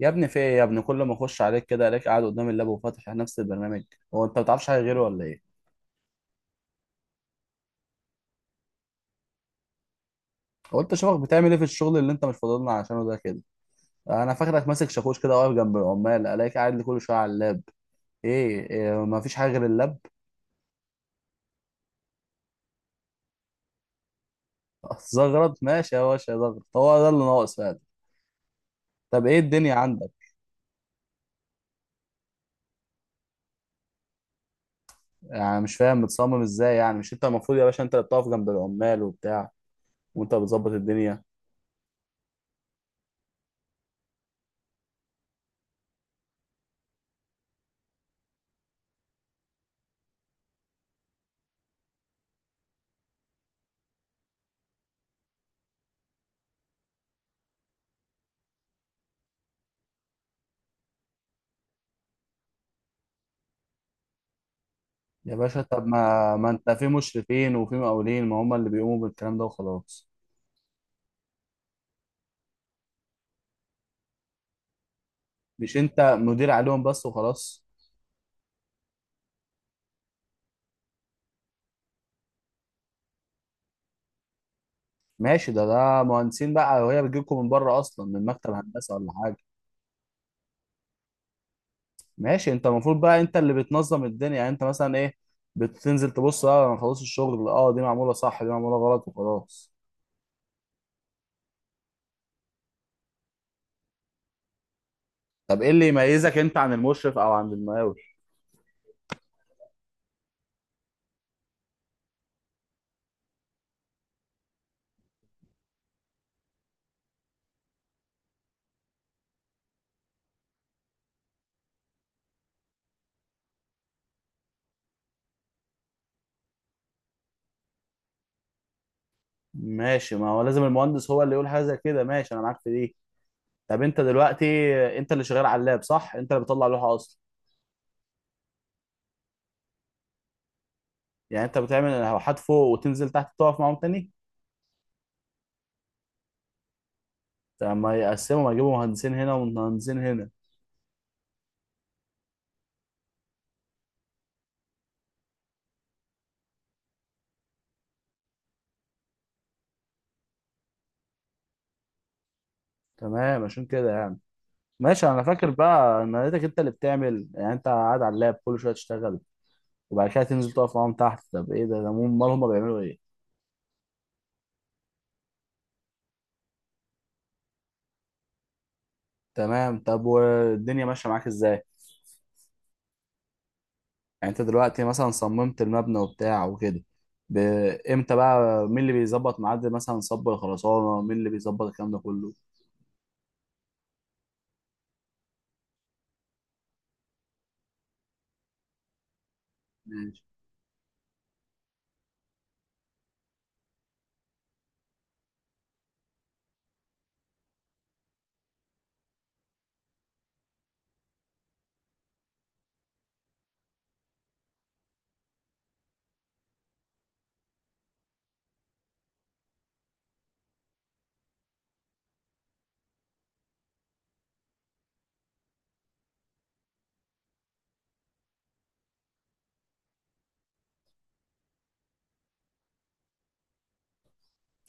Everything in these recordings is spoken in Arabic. يا ابني، في ايه؟ يا ابني، كل ما اخش عليك كده الاقيك قاعد قدام اللاب وفاتح نفس البرنامج. هو انت ما بتعرفش حاجه غيره ولا ايه؟ هو انت شوفك بتعمل ايه في الشغل اللي انت مش فاضلنا عشانه ده كده؟ انا فاكرك ماسك شاكوش كده واقف جنب العمال، الاقيك قاعد لي كل شويه على اللاب. إيه ما فيش حاجه غير اللاب؟ زغرط ماشي يا باشا، زغرط هو ده اللي ناقص فعلا. طب ايه الدنيا عندك؟ يعني مش فاهم متصمم ازاي، يعني مش انت المفروض يا باشا انت اللي بتقف جنب العمال وبتاع وانت بتظبط الدنيا؟ يا باشا، طب ما انت في مشرفين وفي مقاولين، ما هم اللي بيقوموا بالكلام ده وخلاص؟ مش انت مدير عليهم بس وخلاص؟ ماشي، ده مهندسين بقى، وهي بتجيلكم من بره اصلا من مكتب هندسه ولا حاجه؟ ماشي، انت المفروض بقى انت اللي بتنظم الدنيا. يعني انت مثلا ايه، بتنزل تبص اه انا خلاص الشغل، اه دي معموله صح دي معموله غلط وخلاص. طب ايه اللي يميزك انت عن المشرف او عن المقاول؟ ماشي، ما هو لازم المهندس هو اللي يقول حاجه زي كده، ماشي انا معاك في دي. طب انت دلوقتي انت اللي شغال على اللاب صح؟ انت اللي بتطلع لوحه اصلا؟ يعني انت بتعمل لوحات فوق وتنزل تحت تقف معاهم تاني؟ لما يقسموا يجيبوا مهندسين هنا ومهندسين هنا. تمام، عشان كده يعني. ماشي انا فاكر بقى ان لقيتك انت اللي بتعمل، يعني انت قاعد على اللاب كل شويه تشتغل وبعد كده تنزل تقف معاهم تحت، طب ايه ده امال هم بيعملوا ايه؟ تمام، طب والدنيا ماشيه معاك ازاي؟ يعني انت دلوقتي مثلا صممت المبنى وبتاع وكده. ب- امتى بقى مين اللي بيظبط ميعاد مثلا صب الخرسانه، مين اللي بيظبط الكلام ده كله؟ ماشي.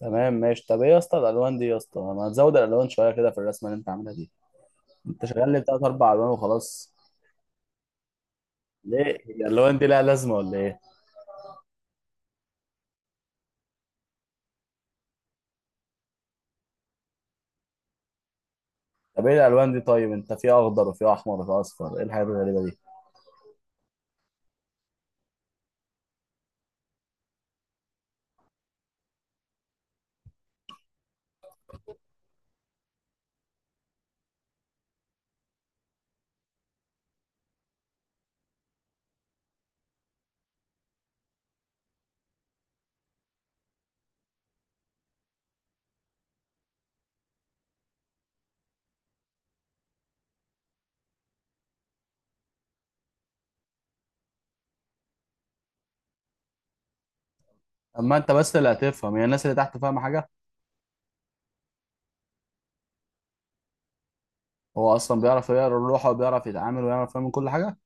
تمام ماشي. طب ايه يا اسطى الالوان دي؟ يا اسطى، ما تزود الالوان شويه كده في الرسمه اللي انت عاملها دي، انت شغال لي بتلات اربع الوان وخلاص. ليه، هي الالوان دي لها لازمه ولا ايه؟ طب ايه الالوان دي؟ طيب انت في اخضر وفي احمر وفي اصفر، ايه الحاجات الغريبه دي؟ اما انت بس اللي هتفهم، هي الناس اللي تحت فاهمه حاجه؟ هو اصلا بيعرف يقرا اللوحه وبيعرف يتعامل ويعرف يعمل كل حاجه.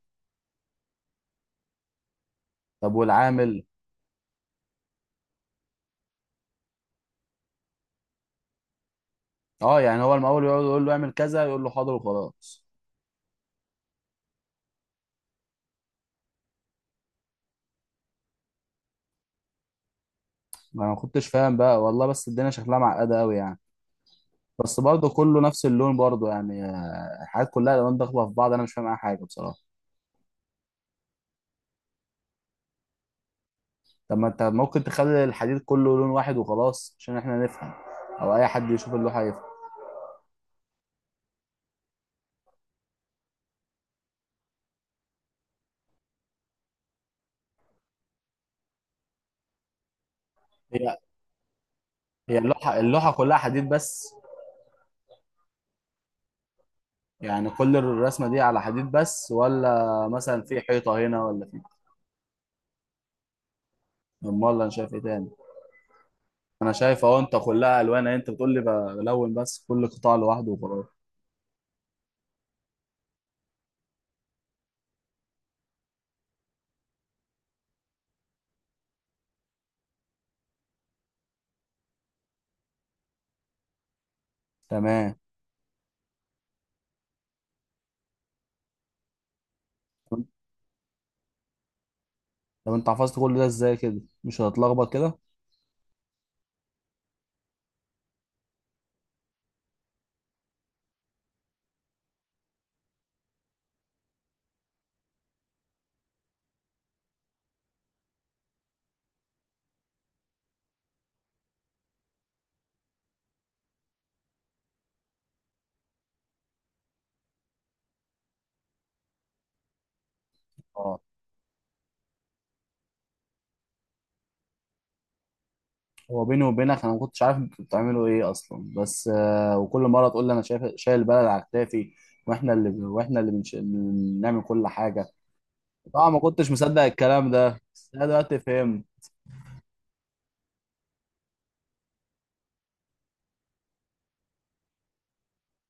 طب والعامل؟ اه، يعني هو المقاول يقعد يقول له اعمل كذا يقول له حاضر وخلاص؟ ما انا ما كنتش فاهم بقى والله، بس الدنيا شكلها معقده قوي يعني. بس برضه كله نفس اللون برضه يعني، الحاجات كلها الالوان داخله في بعض، انا مش فاهم اي حاجه بصراحه. طب ما انت ممكن تخلي الحديد كله لون واحد وخلاص عشان احنا نفهم، او اي حد يشوف اللوحه يفهم. هي هي اللوحه كلها حديد بس؟ يعني كل الرسمه دي على حديد بس، ولا مثلا في حيطه هنا ولا في؟ امال انا شايف ايه تاني؟ انا شايف اهو، انت كلها الوان اهي، انت بتقول لي بلون بس كل قطاع لوحده وخلاص. تمام، طب انت حفظت كل ده ازاي كده، مش هتتلخبط كده؟ هو بيني وبينك انا ما كنتش عارف انتوا بتعملوا ايه اصلا، بس وكل مره تقول لي انا شايف شايل البلد على كتافي، واحنا اللي بنعمل كل حاجه. طبعا ما كنتش مصدق الكلام ده، بس انا دلوقتي فهمت.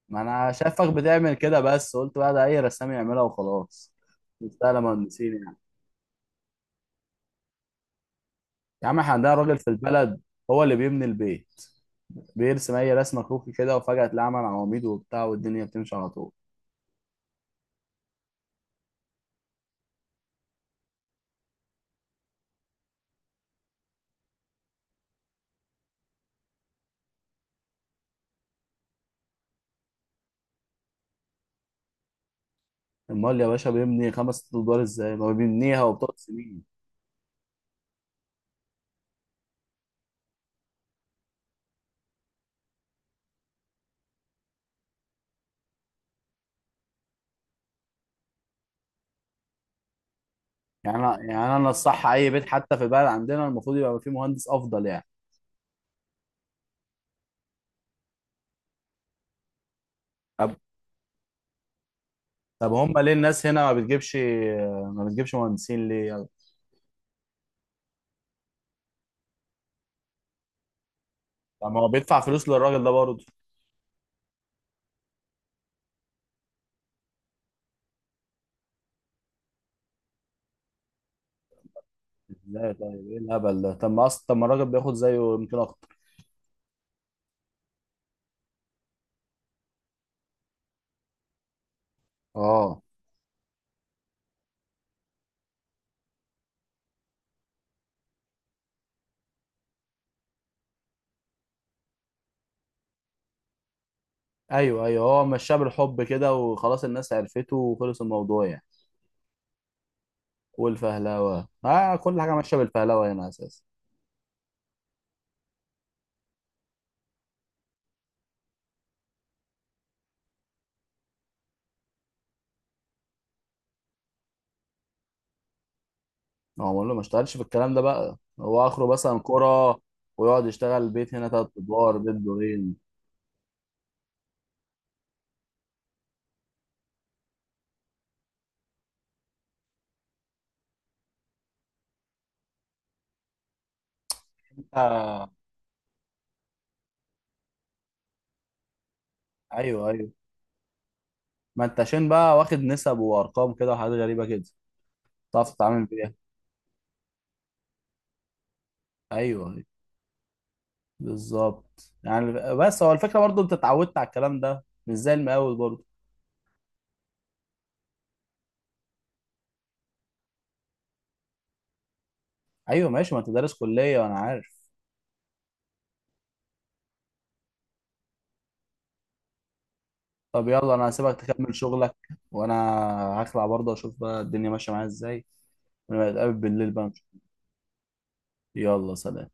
ما انا شايفك بتعمل كده، بس قلت بقى ده اي رسام يعملها وخلاص. مستاهله مهندسين يعني؟ يا عم احنا عندنا راجل في البلد هو اللي بيبني البيت، بيرسم اي رسمه كروكي كده وفجاه تلاقي عمل عواميد وبتاع والدنيا بتمشي على طول. امال يا باشا بيبني خمس ست ادوار ازاي؟ ما بيبنيها وبتقعد سنين. يعني أنا الصح أي بيت حتى في البلد عندنا المفروض يبقى فيه مهندس أفضل يعني. طب طب هم ليه الناس هنا ما بتجيبش، ما بتجيبش مهندسين ليه يعني؟ طب ما هو بيدفع فلوس للراجل ده برضه. ازاي طيب، ايه الهبل ده؟ طب ما اصلا، طب ما الراجل بياخد زيه يمكن اكتر. اه، ايوه ايوه، هو مشاه بالحب كده وخلاص، الناس عرفته وخلص الموضوع يعني. والفهلوه، كل حاجه ماشيه بالفهلوه هنا اساسا. هو بقول له ما اشتغلش في الكلام ده بقى، هو اخره مثلا كرة، ويقعد يشتغل بيت هنا تلات ادوار، بيت دورين. ايوه ايوه، ما انت عشان بقى واخد نسب وارقام كده وحاجات غريبه كده تعرف تتعامل بيها. ايوه أيوة، بالظبط يعني. بس هو الفكره برضو انت اتعودت على الكلام ده، مش زي المقاول برضو. ايوه ماشي، ما انت دارس كليه وانا عارف. طب يلا انا هسيبك تكمل شغلك، وانا هخلع برضه اشوف بقى الدنيا ماشيه معايا ازاي، ونبقى نتقابل بالليل بقى نشوف. يلا سلام.